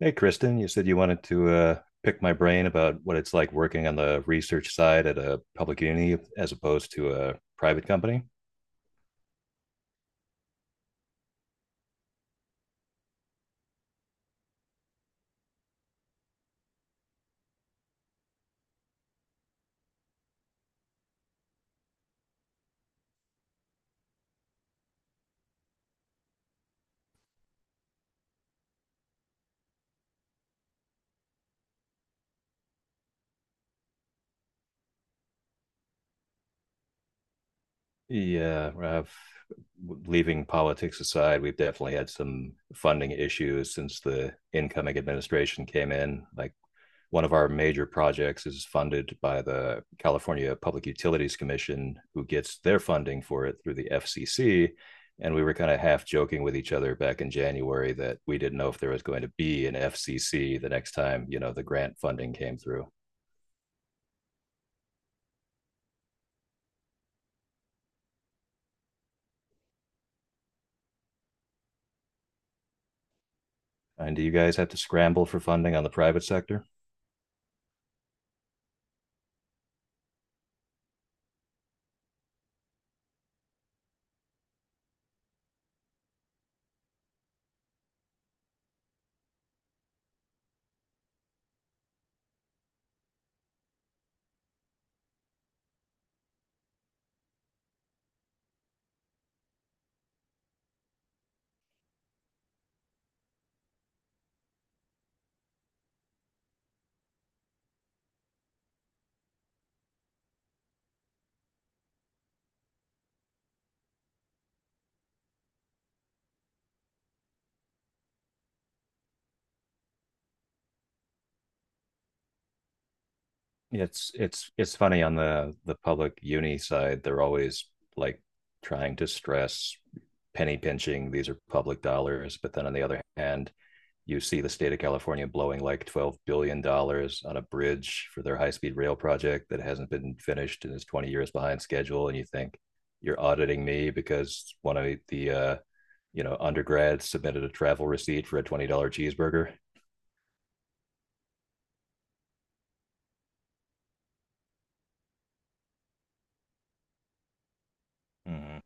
Hey, Kristen, you said you wanted to pick my brain about what it's like working on the research side at a public uni as opposed to a private company. Yeah, leaving politics aside, we've definitely had some funding issues since the incoming administration came in. Like one of our major projects is funded by the California Public Utilities Commission, who gets their funding for it through the FCC. And we were kind of half joking with each other back in January that we didn't know if there was going to be an FCC the next time, the grant funding came through. And do you guys have to scramble for funding on the private sector? It's funny on the public uni side. They're always like trying to stress penny pinching. These are public dollars, but then on the other hand, you see the state of California blowing like $12 billion dollars on a bridge for their high speed rail project that hasn't been finished and is 20 years behind schedule. And you think you're auditing me because one of the undergrads submitted a travel receipt for a $20 cheeseburger. Mm-hmm.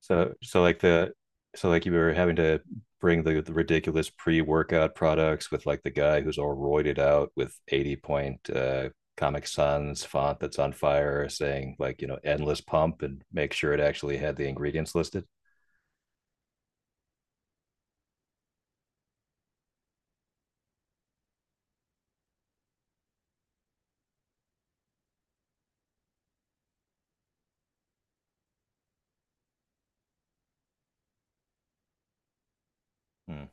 So so like the so like you were having to bring the ridiculous pre-workout products with like the guy who's all roided out with 80 point Comic Sans font that's on fire saying like, endless pump, and make sure it actually had the ingredients listed. Mm,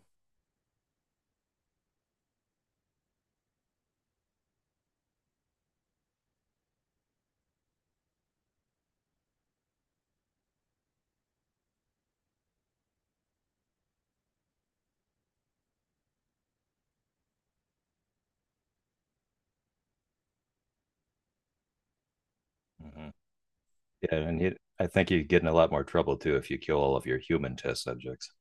mhm. Yeah, and you, I think you get in a lot more trouble too if you kill all of your human test subjects.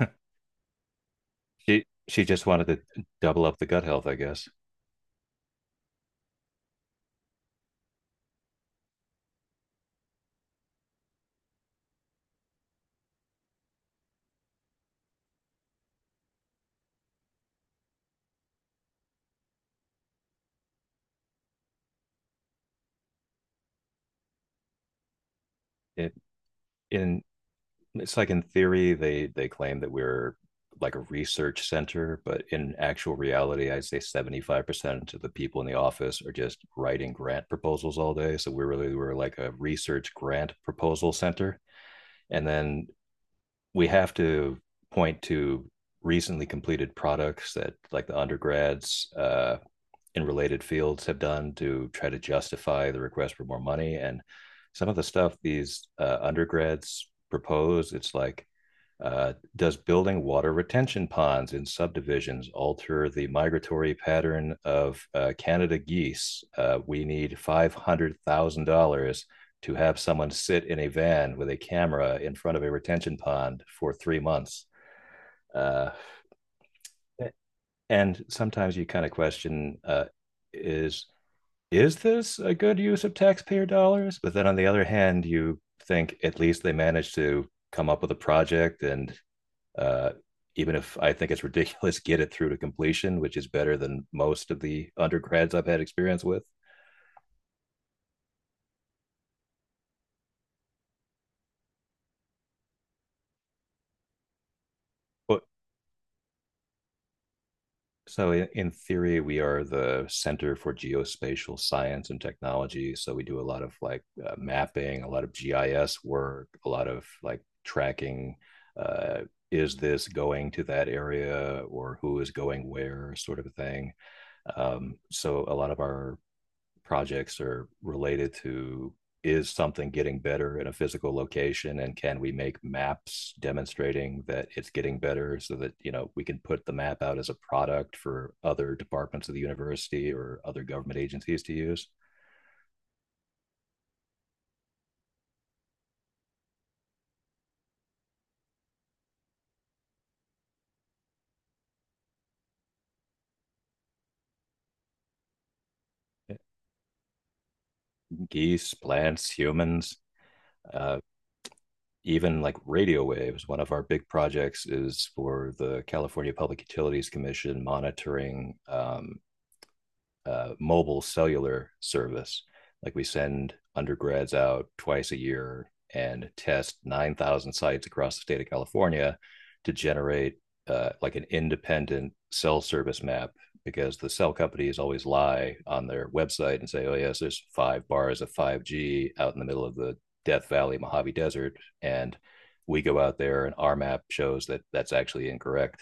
She just wanted to double up the gut health, I guess. It in it's like in theory they claim that we're like a research center, but in actual reality, I'd say 75% of the people in the office are just writing grant proposals all day. So we really were like a research grant proposal center, and then we have to point to recently completed products that like the undergrads in related fields have done to try to justify the request for more money. And some of the stuff these undergrads propose, it's like, does building water retention ponds in subdivisions alter the migratory pattern of Canada geese? We need $500,000 to have someone sit in a van with a camera in front of a retention pond for 3 months. Uh, and sometimes you kind of question, is is this a good use of taxpayer dollars? But then on the other hand, you think at least they managed to come up with a project and, uh, even if I think it's ridiculous, get it through to completion, which is better than most of the undergrads I've had experience with. But so in theory, we are the Center for Geospatial Science and Technology. So we do a lot of like mapping, a lot of GIS work, a lot of like tracking. Uh, is this going to that area, or who is going where, sort of a thing. So a lot of our projects are related to, is something getting better in a physical location, and can we make maps demonstrating that it's getting better so that, you know, we can put the map out as a product for other departments of the university or other government agencies to use? Geese, plants, humans, uh, even like radio waves. One of our big projects is for the California Public Utilities Commission monitoring, mobile cellular service. Like we send undergrads out twice a year and test 9,000 sites across the state of California to generate like an independent cell service map, because the cell companies always lie on their website and say, oh, yes, there's five bars of 5G out in the middle of the Death Valley, Mojave Desert. And we go out there and our map shows that that's actually incorrect.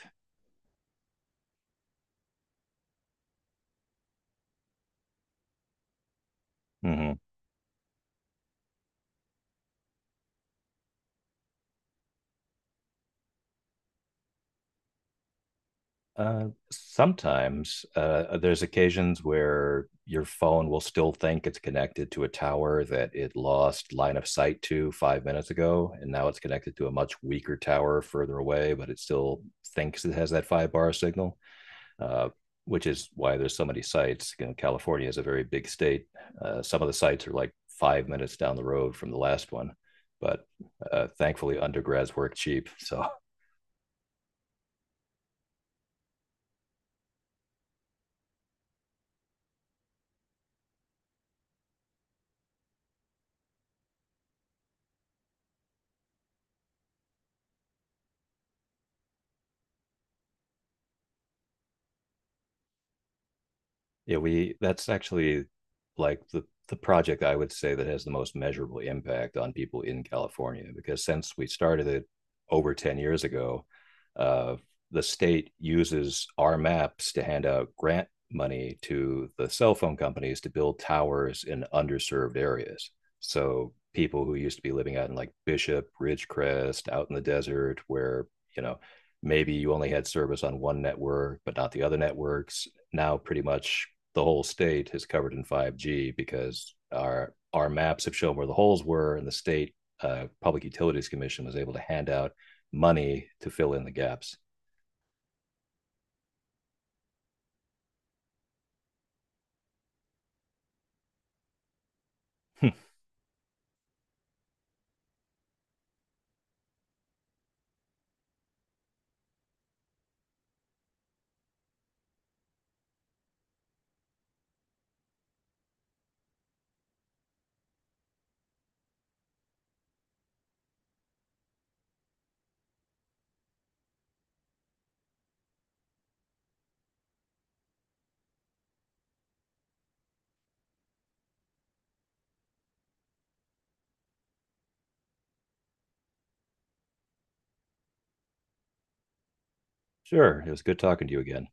Mm-hmm. Uh, sometimes there's occasions where your phone will still think it's connected to a tower that it lost line of sight to 5 minutes ago, and now it's connected to a much weaker tower further away, but it still thinks it has that five bar signal. Uh, which is why there's so many sites. You know, California is a very big state. Some of the sites are like 5 minutes down the road from the last one, but thankfully undergrads work cheap, so Yeah, we that's actually like the project I would say that has the most measurable impact on people in California, because since we started it over 10 years ago, uh, the state uses our maps to hand out grant money to the cell phone companies to build towers in underserved areas. So people who used to be living out in like Bishop, Ridgecrest, out in the desert where, you know, maybe you only had service on one network but not the other networks, now pretty much the whole state is covered in 5G because our maps have shown where the holes were, and the state Public Utilities Commission was able to hand out money to fill in the gaps. Sure, it was good talking to you again.